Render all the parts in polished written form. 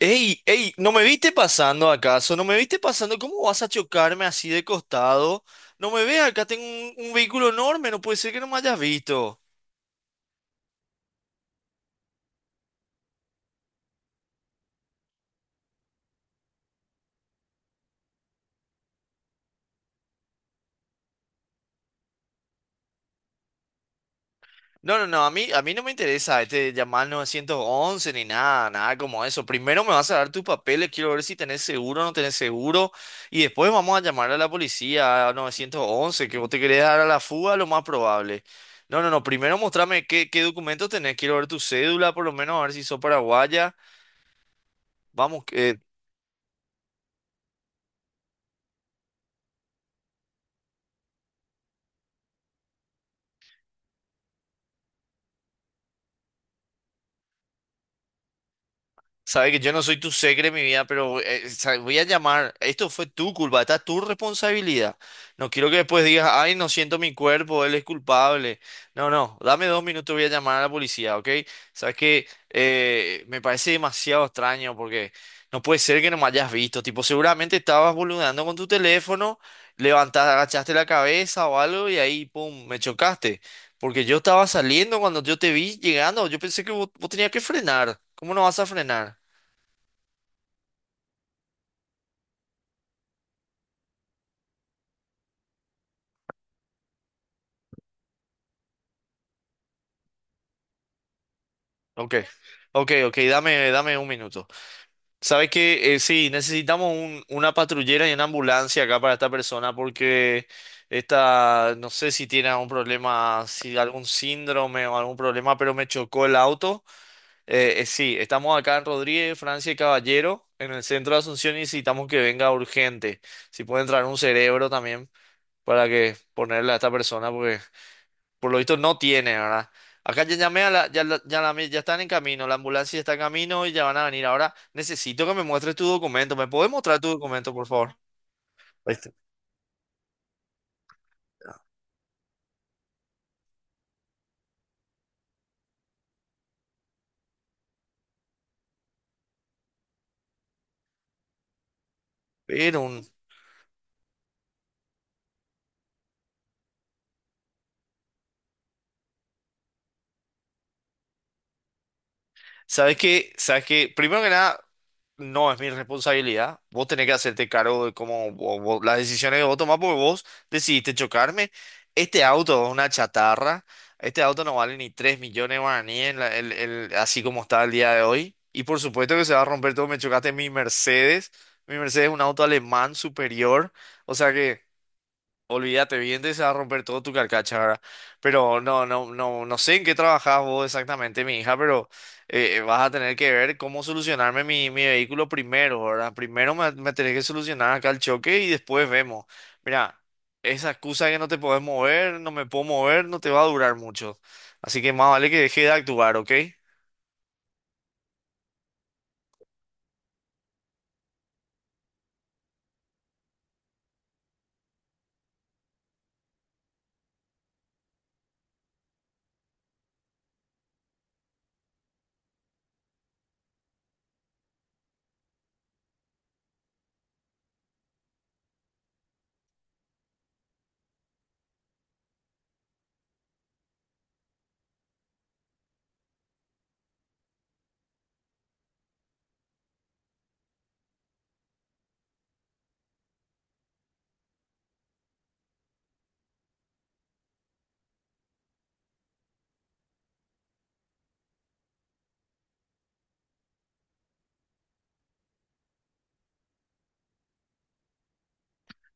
Ey, ey, ¿no me viste pasando acaso? ¿No me viste pasando? ¿Cómo vas a chocarme así de costado? No me veas, acá tengo un vehículo enorme, no puede ser que no me hayas visto. No, no, no, a mí no me interesa llamar 911 ni nada, nada como eso. Primero me vas a dar tus papeles, quiero ver si tenés seguro o no tenés seguro. Y después vamos a llamar a la policía, a 911, que vos te querés dar a la fuga, lo más probable. No, no, no, primero mostrame qué documentos tenés, quiero ver tu cédula, por lo menos a ver si sos paraguaya. Vamos. Sabe que yo no soy tu segre, mi vida, pero sabe, voy a llamar. Esto fue tu culpa, esta es tu responsabilidad. No quiero que después digas, ay, no siento mi cuerpo, él es culpable. No, no, dame 2 minutos, voy a llamar a la policía, ¿ok? Sabes que me parece demasiado extraño porque no puede ser que no me hayas visto. Tipo, seguramente estabas boludeando con tu teléfono, levantaste, agachaste la cabeza o algo y ahí, pum, me chocaste. Porque yo estaba saliendo cuando yo te vi llegando, yo pensé que vos tenías que frenar. ¿Cómo no vas a frenar? Ok, ok, ok, dame, dame un minuto. Sabes que sí, necesitamos una patrullera y una ambulancia acá para esta persona porque esta, no sé si tiene algún problema, si algún síndrome o algún problema, pero me chocó el auto. Sí, estamos acá en Rodríguez, Francia y Caballero, en el centro de Asunción y necesitamos que venga urgente. Si puede entrar un cerebro también para que ponerle a esta persona porque por lo visto no tiene, ¿verdad? Acá ya llamé a la, ya, la- ya, llamé- ya están en camino, la ambulancia está en camino y ya van a venir. Ahora necesito que me muestres tu documento. ¿Me puedes mostrar tu documento, por favor? Ahí está. Pero un- ¿Sabes qué? ¿Sabes qué? Primero que nada, no es mi responsabilidad. Vos tenés que hacerte cargo de cómo las decisiones que vos tomás porque vos decidiste chocarme. Este auto es una chatarra. Este auto no vale ni 3 millones de guaraníes así como está el día de hoy. Y por supuesto que se va a romper todo. Me chocaste en mi Mercedes. Mi Mercedes es un auto alemán superior. O sea que, olvídate, bien te se va a romper todo tu carcacha, ¿verdad? Pero no, no, no, no sé en qué trabajas vos exactamente, mi hija, pero vas a tener que ver cómo solucionarme mi vehículo primero, ¿verdad? Primero me tenés que solucionar acá el choque y después vemos. Mira, esa excusa de que no te podés mover, no me puedo mover, no te va a durar mucho. Así que más vale que deje de actuar, ¿ok?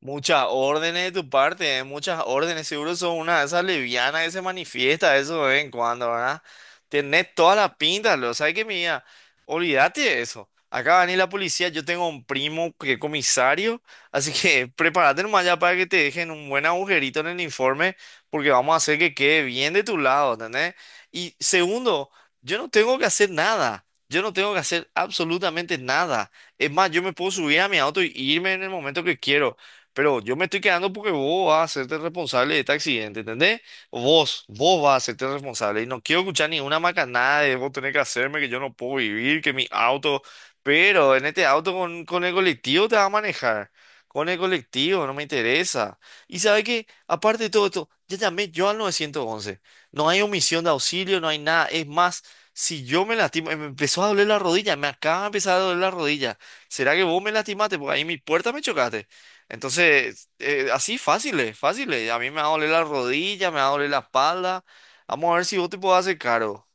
Muchas órdenes de tu parte, ¿eh? Muchas órdenes. Seguro sos una de esas levianas que se manifiesta eso de vez en cuando, ¿verdad? Tenés toda la pinta, lo sabes que mía. Olvídate de eso. Acá va a venir la policía. Yo tengo un primo que es comisario, así que prepárate nomás ya para que te dejen un buen agujerito en el informe, porque vamos a hacer que quede bien de tu lado, ¿entendés? Y segundo, yo no tengo que hacer nada. Yo no tengo que hacer absolutamente nada. Es más, yo me puedo subir a mi auto y irme en el momento que quiero. Pero yo me estoy quedando porque vos vas a hacerte responsable de este accidente, ¿entendés? Vos vas a hacerte responsable. Y no quiero escuchar ninguna macanada de vos tenés que hacerme, que yo no puedo vivir, que mi auto. Pero en este auto con, el colectivo te vas a manejar. Con el colectivo, no me interesa. Y sabe que, aparte de todo esto, ya llamé yo al 911. No hay omisión de auxilio, no hay nada. Es más, si yo me lastimo, me empezó a doler la rodilla, me acaba de empezar a doler la rodilla. ¿Será que vos me lastimaste? Porque ahí en mi puerta me chocaste. Entonces, así fáciles, fáciles. A mí me va a doler la rodilla, me va a doler la espalda. Vamos a ver si vos te podés hacer cargo.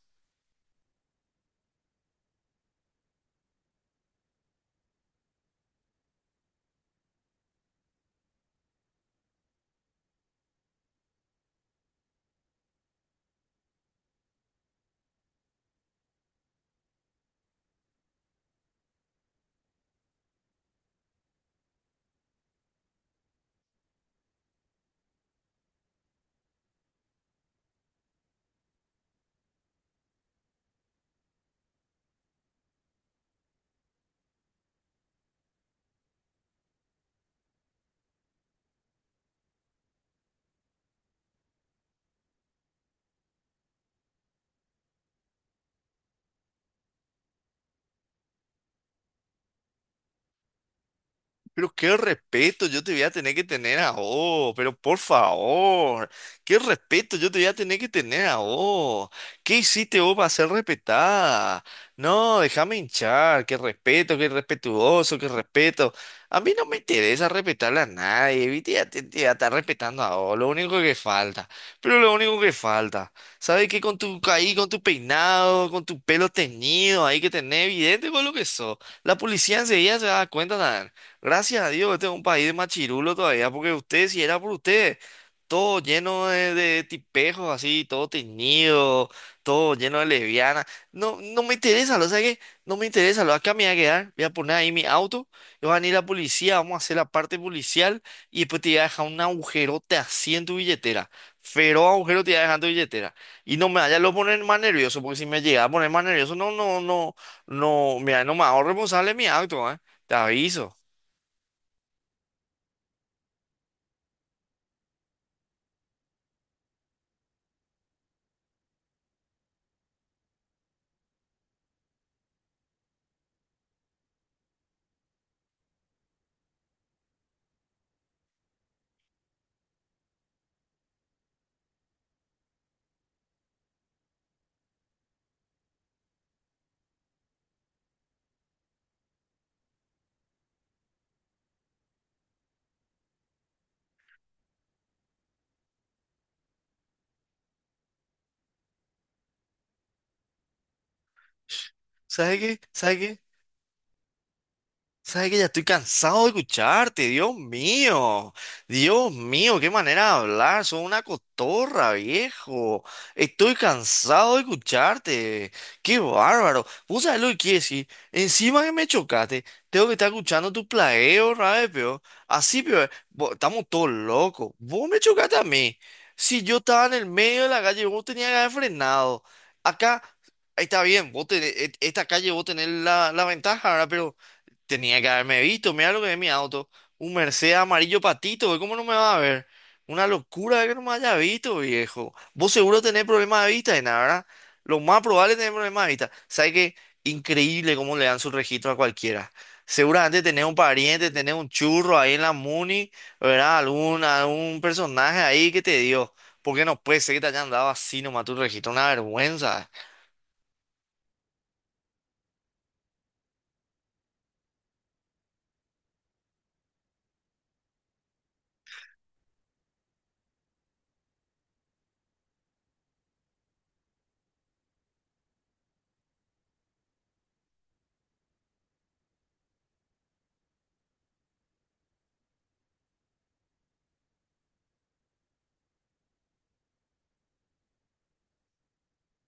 Pero qué respeto yo te voy a tener que tener a vos, pero por favor, qué respeto yo te voy a tener que tener a vos. ¿Qué hiciste vos para ser respetada? No, déjame hinchar, qué respeto, qué respetuoso, qué respeto. A mí no me interesa respetarle a nadie, ¿viste? Ya te voy a estar respetando a vos, lo único que falta. Pero lo único que falta, ¿sabes qué? Con tu ahí, con tu peinado, con tu pelo teñido, ahí que tenés evidente con lo que sos. La policía enseguida se da cuenta. Gracias a Dios, este es un país de chirulo todavía, porque usted, si era por usted, todo lleno de tipejos así, todo teñido, todo lleno de lesbianas. No, no me interesa, lo sabes que no me interesa, lo acá me voy a quedar, voy a poner ahí mi auto, y van a ir la policía, vamos a hacer la parte policial, y después te voy a dejar un agujerote así en tu billetera. Feroz agujero te voy a dejar en tu billetera. Y no me vaya a lo poner más nervioso, porque si me llega a poner más nervioso, no, no, no, no, mira, no me hago responsable de mi acto, ¿eh? Te aviso. ¿Sabe qué? ¿Sabe qué? Sabes que ya estoy cansado de escucharte, Dios mío, qué manera de hablar, sos una cotorra, viejo. Estoy cansado de escucharte, qué bárbaro. ¿Vos sabés lo que quiere decir? Encima que me chocaste, tengo que estar escuchando tu plagueo, rabe, peor. Así, peor, estamos todos locos. Vos me chocaste a mí. Si yo estaba en el medio de la calle, vos tenías que haber frenado. Acá. Está bien, esta calle vos tenés la ventaja, ¿verdad? Tenía que haberme visto, mira lo que es mi auto. Un Mercedes amarillo patito, güey, ¿cómo no me va a ver? Una locura que no me haya visto, viejo. Vos seguro tenés problemas de vista, y nada, ¿verdad? Lo más probable es tener problemas de vista. ¿Sabes qué? Increíble cómo le dan su registro a cualquiera. Seguramente tenés un pariente, tenés un churro ahí en la Muni, ¿verdad? Algún personaje ahí que te dio. Porque no puede ser que te hayan dado así nomás tu registro, una vergüenza.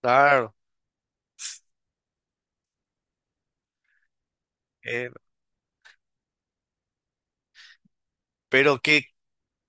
Claro. Eh, pero qué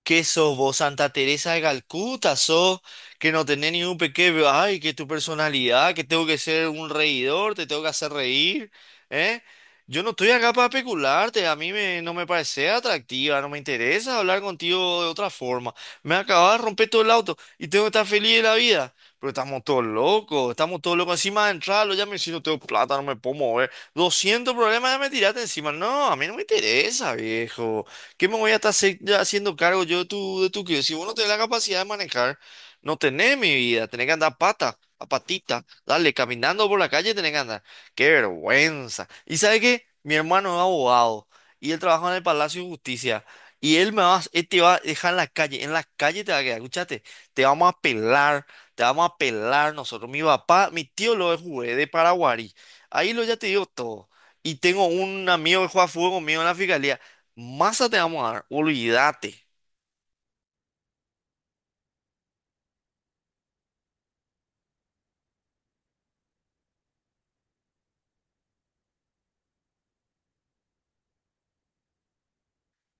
¿Qué sos vos, Santa Teresa de Calcuta? ¿Sos que no tenés ni un pequeño, ay, que tu personalidad, que tengo que ser un reidor, te tengo que hacer reír, ¿eh? Yo no estoy acá para pecularte, no me parece atractiva, no me interesa hablar contigo de otra forma. Me acabas de romper todo el auto y tengo que estar feliz de la vida. Pero estamos todos locos, estamos todos locos. Encima de entrarlo, ya me si no tengo plata, no me puedo mover. 200 problemas ya me tiraste encima. No, a mí no me interesa, viejo. ¿Qué me voy a estar ya haciendo cargo yo de tu, crío? Si vos no tenés la capacidad de manejar, no tenés mi vida, tenés que andar a pata, a patita, dale, caminando por la calle tenés que andar. ¡Qué vergüenza! ¿Y sabe qué? Mi hermano es abogado y él trabaja en el Palacio de Justicia. Él te va a dejar en la calle te va a quedar, escuchate, te vamos a pelar, te vamos a pelar nosotros. Mi papá, mi tío lo es jugué de Paraguay. Ahí lo ya te digo todo. Y tengo un amigo que juega fútbol conmigo en la fiscalía. Masa te vamos a dar, olvídate,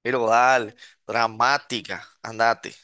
pero dale, dramática, andate.